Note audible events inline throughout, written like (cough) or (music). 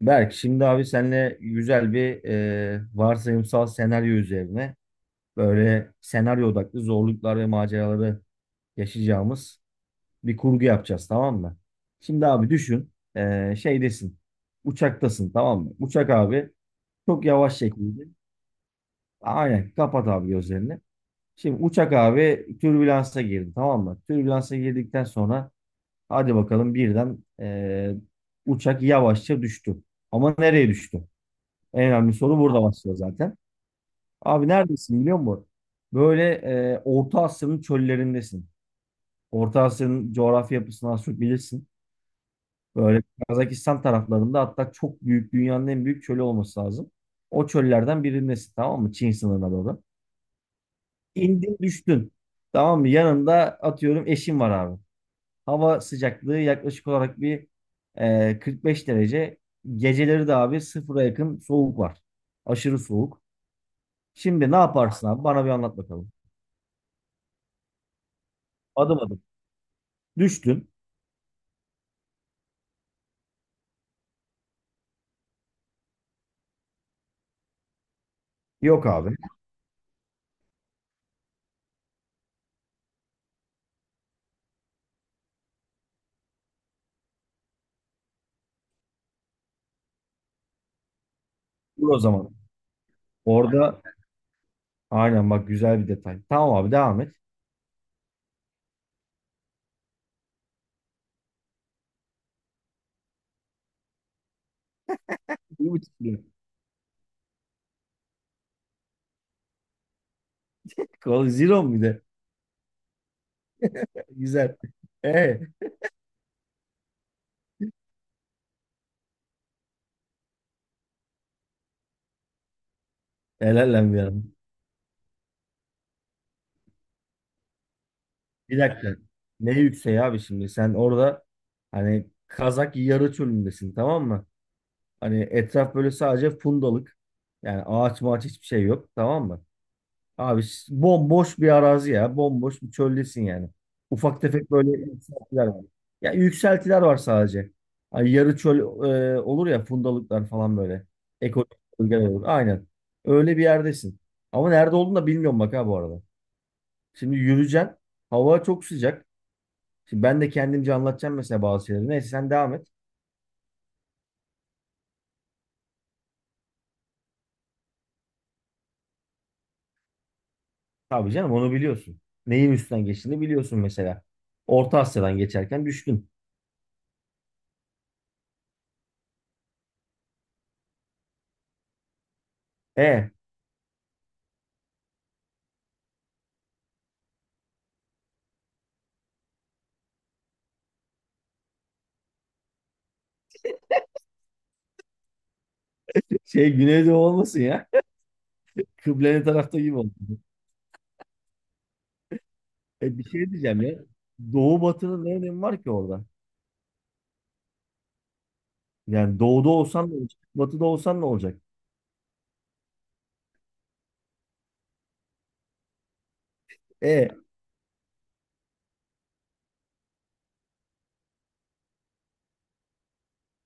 Berk, şimdi abi seninle güzel bir varsayımsal senaryo üzerine böyle senaryo odaklı zorluklar ve maceraları yaşayacağımız bir kurgu yapacağız, tamam mı? Şimdi abi düşün, şeydesin, uçaktasın, tamam mı? Uçak abi çok yavaş şekilde aynen kapat abi gözlerini. Şimdi uçak abi türbülansa girdi, tamam mı? Türbülansa girdikten sonra hadi bakalım birden uçak yavaşça düştü. Ama nereye düştü? En önemli soru burada başlıyor zaten. Abi neredesin biliyor musun? Böyle, Orta Asya'nın çöllerindesin. Orta Asya'nın coğrafya yapısını az çok bilirsin. Böyle Kazakistan taraflarında, hatta çok büyük, dünyanın en büyük çölü olması lazım. O çöllerden birindesin, tamam mı? Çin sınırına doğru. İndin, düştün. Tamam mı? Yanında atıyorum eşin var abi. Hava sıcaklığı yaklaşık olarak bir, 45 derece. Geceleri de abi sıfıra yakın soğuk var. Aşırı soğuk. Şimdi ne yaparsın abi? Bana bir anlat bakalım. Adım adım. Düştün. Yok abi. Dur o zaman. Orada aynen bak, güzel bir detay. Tamam abi, devam et. 1,5 lira. Kol zero mu bir de? Güzel. E, Helal lan bir adam. Bir dakika. Ne yükseği abi şimdi? Sen orada hani Kazak yarı çölündesin, tamam mı? Hani etraf böyle sadece fundalık. Yani ağaç mağaç hiçbir şey yok, tamam mı? Abi s- bomboş bir arazi ya. Bomboş bir çöldesin yani. Ufak tefek böyle yükseltiler var. Ya yükseltiler var sadece. Hani yarı çöl olur ya, fundalıklar falan böyle. Ekolojik bölgeler olur. Aynen. Öyle bir yerdesin. Ama nerede olduğunu da bilmiyorum bak ha bu arada. Şimdi yürüyeceksin. Hava çok sıcak. Şimdi ben de kendimce anlatacağım mesela bazı şeyleri. Neyse sen devam et. Tabii canım, onu biliyorsun. Neyin üstünden geçtiğini biliyorsun mesela. Orta Asya'dan geçerken düştün. E, şey, Güneydoğu olmasın ya. Kıbleli tarafta gibi oldu. E, bir şey diyeceğim ya. Doğu batının ne önemi var ki orada? Yani doğuda olsan ne olacak? Batıda olsan ne olacak? E,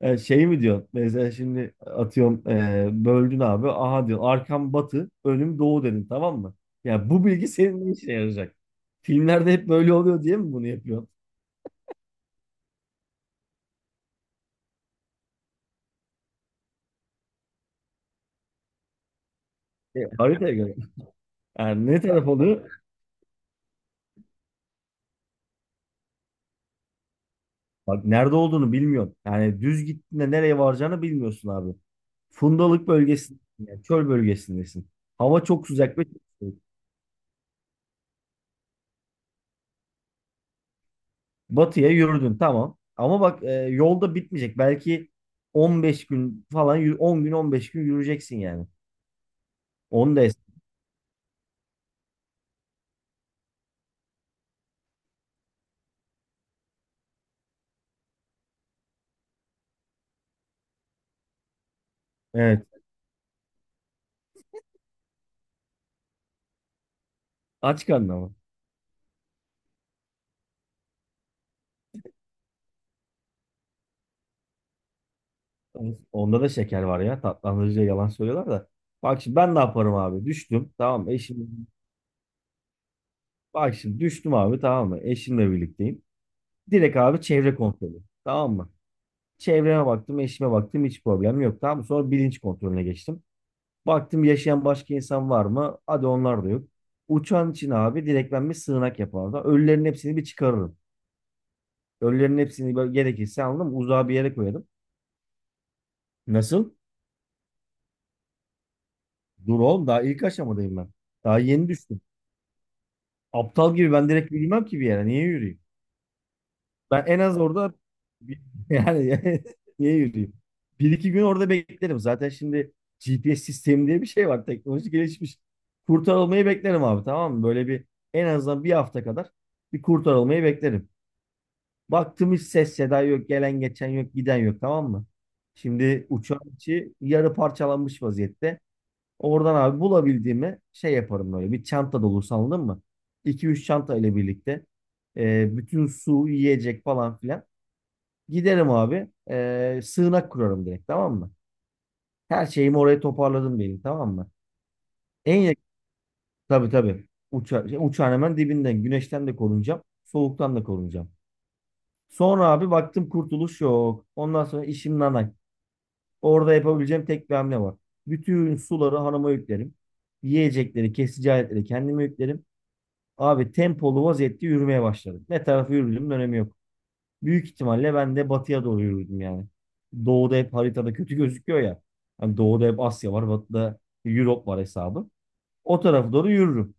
Şey mi diyorsun? Mesela şimdi atıyorum, böldün abi. Aha diyorsun, arkam batı, önüm doğu dedin, tamam mı? Ya bu bilgi senin ne işine yarayacak? Filmlerde hep böyle oluyor diye mi bunu yapıyorsun? E, haritaya göre. Yani ne taraf oluyor? Bak nerede olduğunu bilmiyorsun. Yani düz gittiğinde nereye varacağını bilmiyorsun abi. Fundalık bölgesindesin. Yani çöl bölgesindesin. Hava çok sıcak ve çok soğuk. Batıya yürüdün, tamam. Ama bak, yolda bitmeyecek. Belki 15 gün falan 10 gün 15 gün yürüyeceksin yani. Onu da es- Evet. Aç karnına mı? Onda da şeker var ya. Tatlandırıcıya yalan söylüyorlar da. Bak şimdi ben ne yaparım abi? Düştüm. Tamam mı? Eşim. Bak şimdi düştüm abi, tamam mı? Eşimle birlikteyim. Direkt abi çevre kontrolü. Tamam mı? Çevreme baktım, eşime baktım, hiç problem yok. Tamam mı? Sonra bilinç kontrolüne geçtim. Baktım yaşayan başka insan var mı? Hadi onlar da yok. Uçan için abi direkt ben bir sığınak yapardım. Ölülerin hepsini bir çıkarırım. Ölülerin hepsini böyle gerekirse aldım, uzağa bir yere koyarım. Nasıl? Dur oğlum, daha ilk aşamadayım ben. Daha yeni düştüm. Aptal gibi ben direkt yürümem ki bir yere. Niye yürüyeyim? Ben en az orada bir- (laughs) yani (laughs) niye yürüyeyim? 1 2 gün orada beklerim. Zaten şimdi GPS sistemi diye bir şey var. Teknoloji gelişmiş. Kurtarılmayı beklerim abi, tamam mı? Böyle bir en azından 1 hafta kadar bir kurtarılmayı beklerim. Baktım hiç ses seda yok. Gelen geçen yok. Giden yok, tamam mı? Şimdi uçağın içi yarı parçalanmış vaziyette. Oradan abi bulabildiğimi şey yaparım böyle. Bir çanta dolusu, anladın mı? 2-3 çanta ile birlikte. Bütün su, yiyecek falan filan. Giderim abi. Sığınak kurarım direkt, tamam mı? Her şeyimi oraya toparladım benim, tamam mı? En yakın, tabii tabii. Uçağın hemen dibinden. Güneşten de korunacağım. Soğuktan da korunacağım. Sonra abi baktım kurtuluş yok. Ondan sonra işim nanay. Orada yapabileceğim tek bir hamle var. Bütün suları hanıma yüklerim. Yiyecekleri, kesici aletleri kendime yüklerim. Abi tempolu vaziyette yürümeye başladım. Ne tarafa yürüdüğümün önemi yok. Büyük ihtimalle ben de batıya doğru yürürdüm yani. Doğuda hep haritada kötü gözüküyor ya. Hani doğuda hep Asya var, batıda Europe var hesabı. O tarafa doğru yürürüm.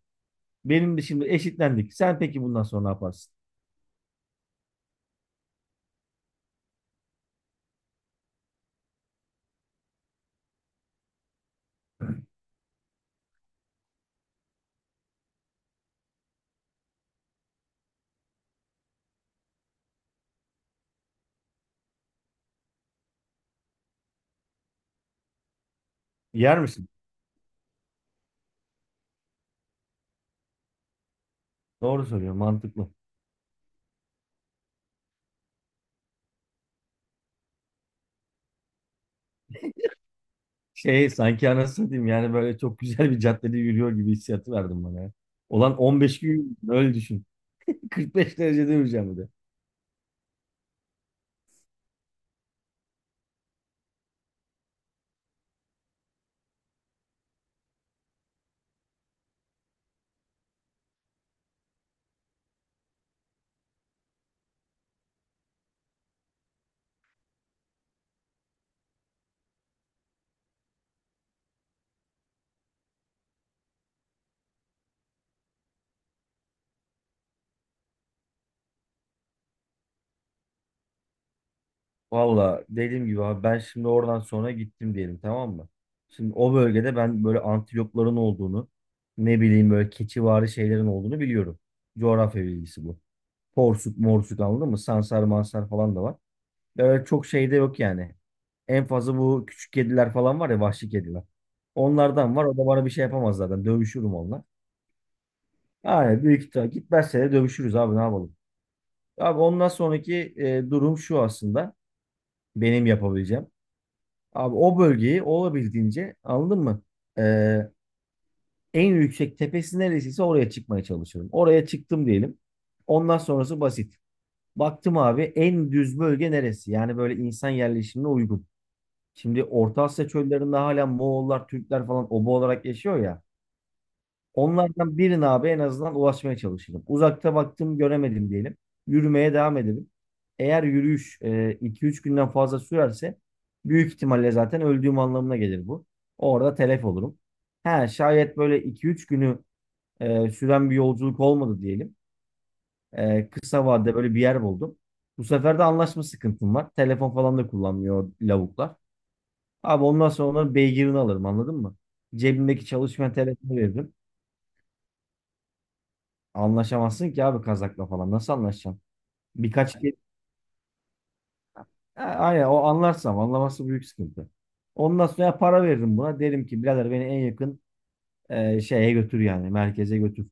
Benim de şimdi eşitlendik. Sen peki bundan sonra ne yaparsın? Yer misin? Doğru söylüyorum, mantıklı. Şey sanki, anasını diyeyim, yani böyle çok güzel bir caddede yürüyor gibi hissiyatı verdim bana ya. Olan 15 gün öyle düşün. (laughs) 45 derecede yürüyeceğim bir de. Valla dediğim gibi abi, ben şimdi oradan sonra gittim diyelim, tamam mı? Şimdi o bölgede ben böyle antilopların olduğunu, ne bileyim, böyle keçivari şeylerin olduğunu biliyorum. Coğrafya bilgisi bu. Porsuk morsuk, anladın mı? Sansar mansar falan da var. Böyle çok şey de yok yani. En fazla bu küçük kediler falan var ya, vahşi kediler. Onlardan var, o da bana bir şey yapamaz zaten, dövüşürüm onunla. Yani büyük ihtimal gitmezse de dövüşürüz abi, ne yapalım. Abi ondan sonraki durum şu aslında, benim yapabileceğim. Abi o bölgeyi olabildiğince, anladın mı? Ee, En yüksek tepesi neresiyse oraya çıkmaya çalışıyorum. Oraya çıktım diyelim. Ondan sonrası basit. Baktım abi, en düz bölge neresi? Yani böyle insan yerleşimine uygun. Şimdi Orta Asya çöllerinde hala Moğollar, Türkler falan oba olarak yaşıyor ya. Onlardan birine abi en azından ulaşmaya çalışırım. Uzakta baktım göremedim diyelim. Yürümeye devam edelim. Eğer yürüyüş 2-3 günden fazla sürerse büyük ihtimalle zaten öldüğüm anlamına gelir bu. Orada telef olurum. Ha, şayet böyle 2-3 günü süren bir yolculuk olmadı diyelim. E, kısa vadede böyle bir yer buldum. Bu sefer de anlaşma sıkıntım var. Telefon falan da kullanmıyor lavuklar. Abi ondan sonra onların beygirini alırım, anladın mı? Cebimdeki çalışmayan telefonu veririm. Anlaşamazsın ki abi Kazak'la falan. Nasıl anlaşacaksın? Birkaç kez... Ha, aynen, o anlarsam, anlaması büyük sıkıntı. Ondan sonra ya para veririm buna. Derim ki birader, beni en yakın şeye götür yani. Merkeze götür.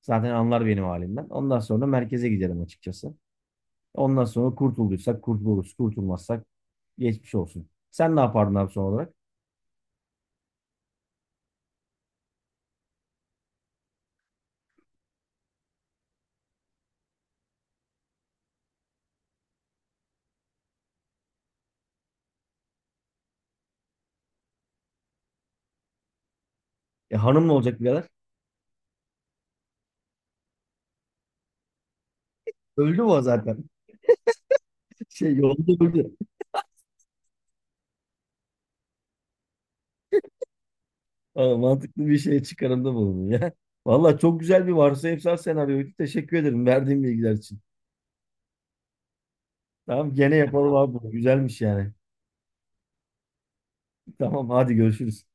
Zaten anlar benim halimden. Ondan sonra merkeze giderim açıkçası. Ondan sonra kurtulduysak kurtuluruz. Kurtulmazsak geçmiş olsun. Sen ne yapardın abi son olarak? E, hanımla olacak birader. Öldü mü o zaten? (laughs) Şey, yolda öldü. Aa, mantıklı bir şey çıkarımda bulundun ya. Valla çok güzel bir varsayımsal senaryoydu. Teşekkür ederim verdiğin bilgiler için. Tamam, gene yapalım abi bunu. Güzelmiş yani. Tamam, hadi görüşürüz.